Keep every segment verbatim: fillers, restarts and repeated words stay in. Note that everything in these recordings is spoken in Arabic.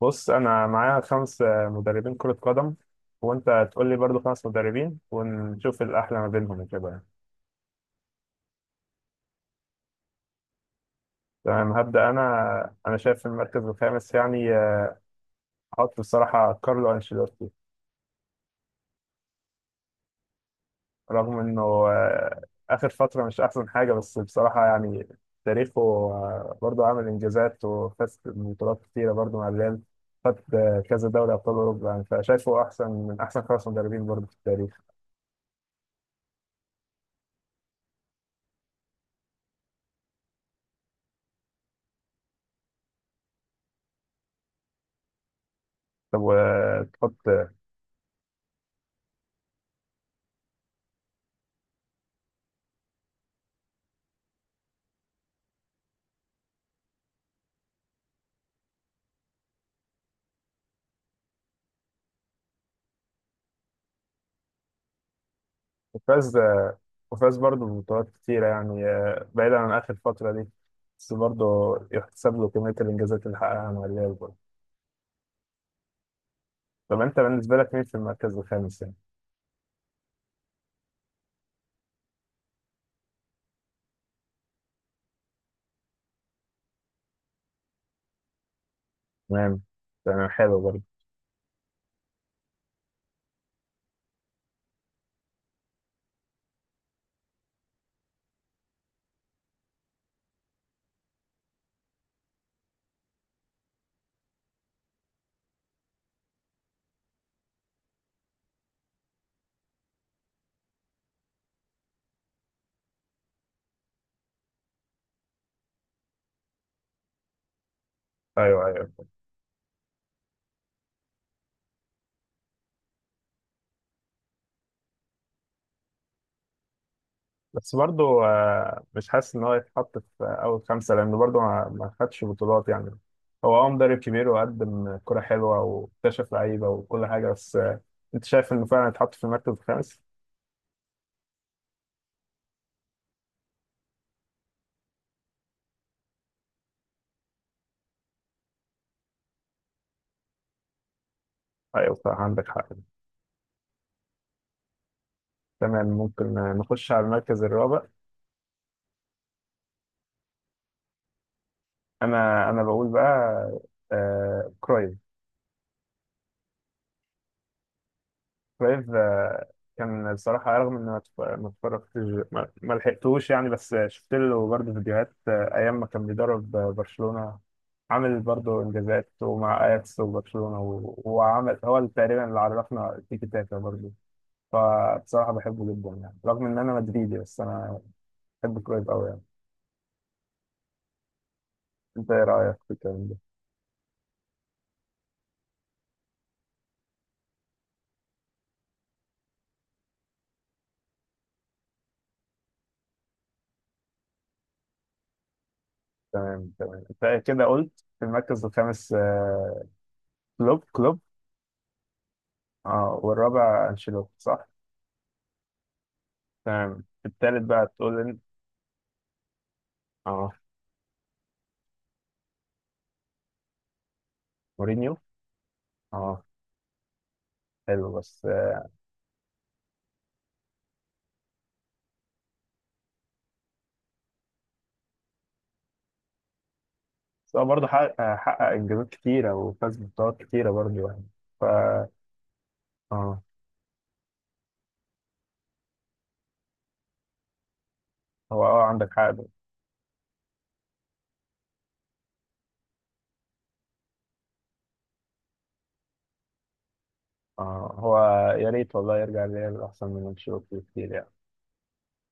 بص انا معايا خمس آه، مدربين كرة قدم وانت تقول لي برضو خمس مدربين ونشوف الاحلى ما بينهم وكده يعني. تمام هبدأ انا انا شايف في المركز الخامس يعني آه، احط بصراحة كارلو انشيلوتي رغم انه آه، اخر فترة مش احسن حاجة بس بصراحة يعني تاريخه آه، برضو عامل انجازات وفاز ببطولات كتيرة برضو مع الريال. خد آه، كذا دوري ابطال اوروبا يعني فشايفه احسن من احسن خمس مدربين برضو في التاريخ. طب وتحط وفاز وفاز برضه ببطولات كتيرة يعني آه، بعيدا عن آخر فترة دي، بس برضه يحتسب له كمية الإنجازات اللي حققها مع الريال برضه. طب أنت بالنسبة لك مين في المركز الخامس يعني؟ تمام. تمام حلو برضه. أيوه أيوه. بس برضه آه، مش حاسس إن هو يتحط في آه، أول خمسة لأنه برضه ما ما خدش بطولات يعني. هو أه مدرب كبير وقدم كرة حلوة واكتشف لعيبة وكل حاجة، بس آه، أنت شايف إنه فعلا يتحط في المركز الخامس؟ أيوه صح عندك حق. تمام، ممكن نخش على المركز الرابع. انا انا بقول بقى آه كرايف. كرايف آه كان بصراحة رغم اني ما اتف- ما اتفرجتش، ما ما لحقتوش يعني، بس شفت له برضه فيديوهات آه ايام ما كان بيدرب برشلونة. عامل برضه انجازات ومع اياكس وبرشلونة، و- وعمل هو اللي تقريبا اللي عرفنا التيكي تاكا برضه. فبصراحة بحبه جدا يعني رغم ان انا مدريدي بس انا بحب كرايف قوي يعني. انت ايه رأيك في الكلام ده؟ تمام تمام. انت كده قلت في المركز الخامس آه، كلوب كلوب اه والرابع انشيلوتي صح. تمام. في التالت بقى تقول ان اه مورينيو. اه حلو بس آه، بس هو برضه حقق آه، حقق انجازات كتيره وفاز ببطولات كتيره برضه يعني ف. اه هو اه عندك حق ده. اه هو يا ريت والله يرجع للريال احسن من انشيلوتي كتير يعني.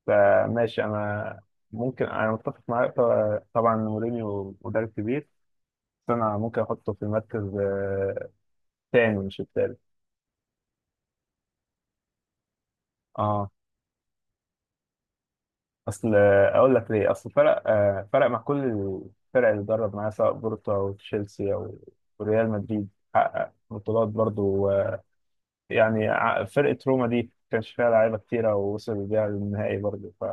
فماشي انا ممكن انا متفق معاك، ط- طبعا مورينيو مدرب كبير، بس انا ممكن احطه في المركز آه، تاني مش التالت. اه اصل اقول لك ليه، اصل فرق آه، فرق مع كل الفرق اللي درب معاها سواء بورتو او تشيلسي او ريال مدريد، حقق بطولات برضو آه، يعني ع- فرقة روما دي كانش فيها لعيبة كتيرة ووصل بيها للنهائي برضو ف.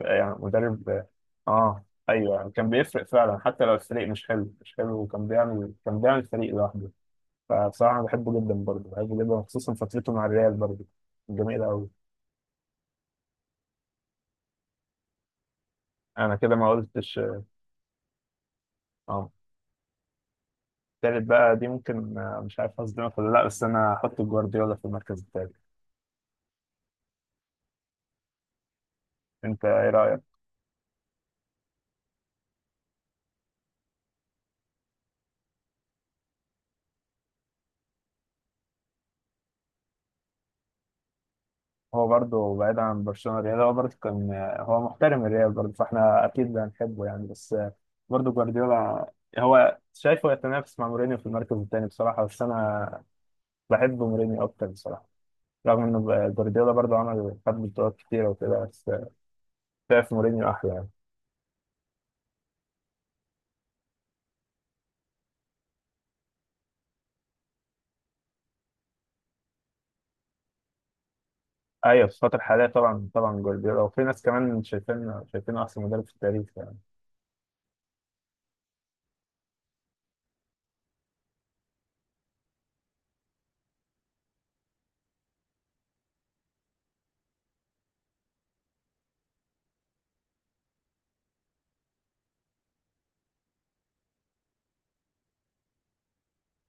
يعني مدرب اه ايوه كان بيفرق فعلا حتى لو الفريق مش حلو مش حلو، وكان بيعمل كان بيعمل فريق لوحده. فبصراحة أنا بحبه جدا برضو، بحبه جدا خصوصا فترته مع الريال برضو جميلة أوي. أنا كده ما قلتش. اه. التالت بقى دي ممكن آه، مش عارف هصدمك ولا لا، بس انا هحط جوارديولا في المركز التالت. انت ايه رأيك؟ هو برضه بعيد عن برشلونة الريال، هو برضه كان آه، هو محترم الريال برضه فاحنا اكيد هنحبه يعني، بس آه، برضه جوارديولا هو شايفه يتنافس مع مورينيو في المركز التاني بصراحة، بس انا بحب مورينيو اكتر بصراحة رغم ان جوارديولا برضه عمل خد بطولات كتيرة وكده، بس آه، شايف مورينيو احلى يعني. ايوه في الفترة الحالية طبعا طبعا جوارديولا، وفي ناس كمان شايفين شايفينه احسن مدرب في التاريخ يعني.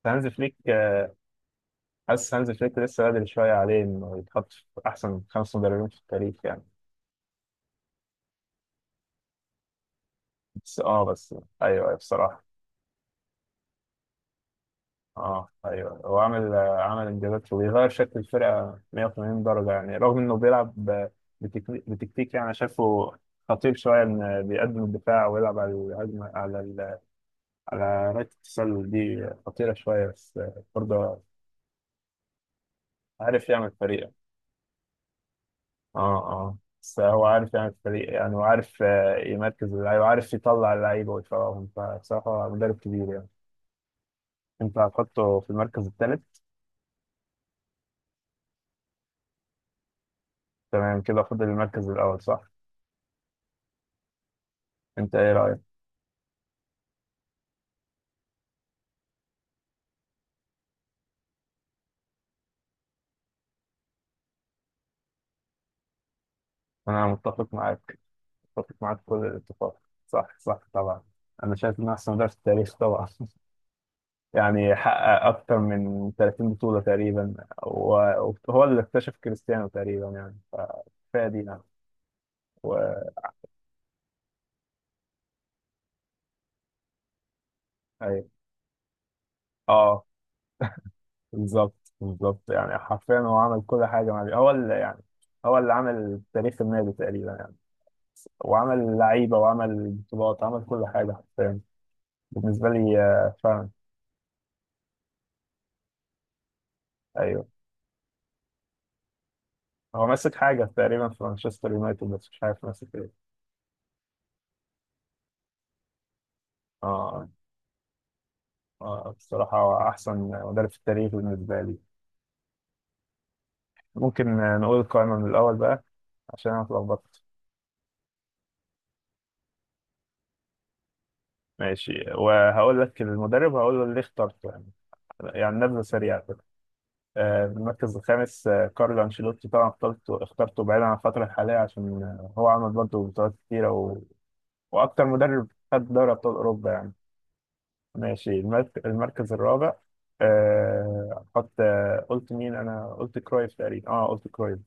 هانز فليك آه، حاسس هانز فليك لسه بدري شوية عليه إنه يتحط في أحسن خمس مدربين في التاريخ يعني. بس أه بس أيوه أيوه بصراحة. أه أيوه هو عامل آه، عامل إنجازات وبيغير شكل الفرقة مية وتمانين درجة يعني، رغم إنه بيلعب ب- بتكني- بتكتيك يعني شايفه خطير شوية إن بيقدم الدفاع ويلعب على الهجمة على ال... على رايت التسلل دي خطيرة شوية، بس آه، برضه عارف يعمل فريق. اه اه بس هو عارف يعني الفريق يعني وعارف آه، يمركز اللعيبه وعارف يطلع اللعيبه ويفرقهم، فبصراحه مدرب كبير يعني. انت هتحطه في المركز الثالث. تمام كده فاضل المركز الاول صح. انت ايه رايك. انا متفق معاك، متفق معاك كل الاتفاق. صح صح طبعا. انا شايف انه احسن مدرب في التاريخ طبعا يعني حقق اكتر من تلاتين بطوله تقريبا وهو اللي اكتشف كريستيانو تقريبا يعني فكفايه دي يعني. و... أيوة. اه بالظبط بالظبط يعني حرفيا هو عمل كل حاجة مع النادي. هو اللي يعني هو اللي عمل تاريخ النادي تقريبا يعني، وعمل لعيبة وعمل بطولات عمل كل حاجة حرفيا بالنسبة لي آه، فعلا. أيوه هو ماسك حاجة تقريبا في مانشستر يونايتد بس مش عارف ماسك إيه. آه آه آه، بصراحة هو أحسن مدرب في التاريخ بالنسبة لي. ممكن آه، نقول القائمة من الأول بقى عشان أنا اتلخبطت. ماشي وهقول لك المدرب وهقول له ليه اخترته يعني يعني نبذة سريعة. آه، المركز الخامس آه، كارلو أنشيلوتي طبعا، اخترته اخترته بعيدا عن الفترة الحالية عشان آه، هو عمل برضه بطولات كتيرة و... وأكتر مدرب خد دوري أبطال أوروبا يعني. ماشي المرك... المركز الرابع آه، أحط آه، قلت مين، أنا قلت كرويف تقريبا، أه قلت كرويف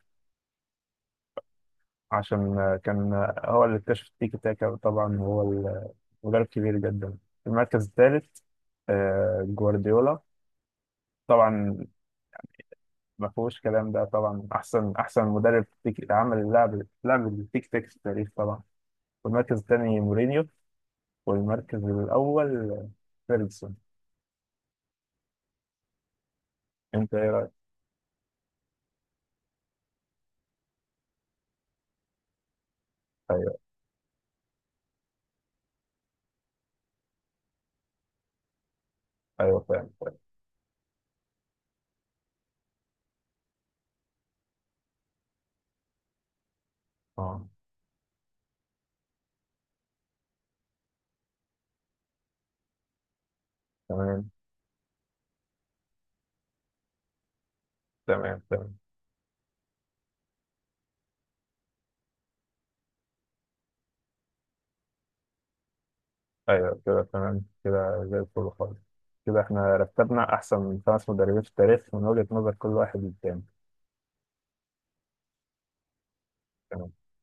عشان آه، كان آه، هو اللي اكتشف التيكي تاكا طبعا، هو ال- مدرب كبير جدا. المركز الثالث آه، جوارديولا طبعا، ما فيهوش كلام ده طبعا، احسن احسن مدرب تك- عمل اللعب لعب التيك تاك في التاريخ طبعا. والمركز الثاني مورينيو، والمركز الاول فيرجسون. انت ايه رايك؟ ايوه ايوه فاهم فاهم اه تمام تمام تمام ايوه كده تمام كده زي الفل خالص. كده احنا رتبنا احسن خمس مدربين في التاريخ من وجهة نظر كل واحد للتاني.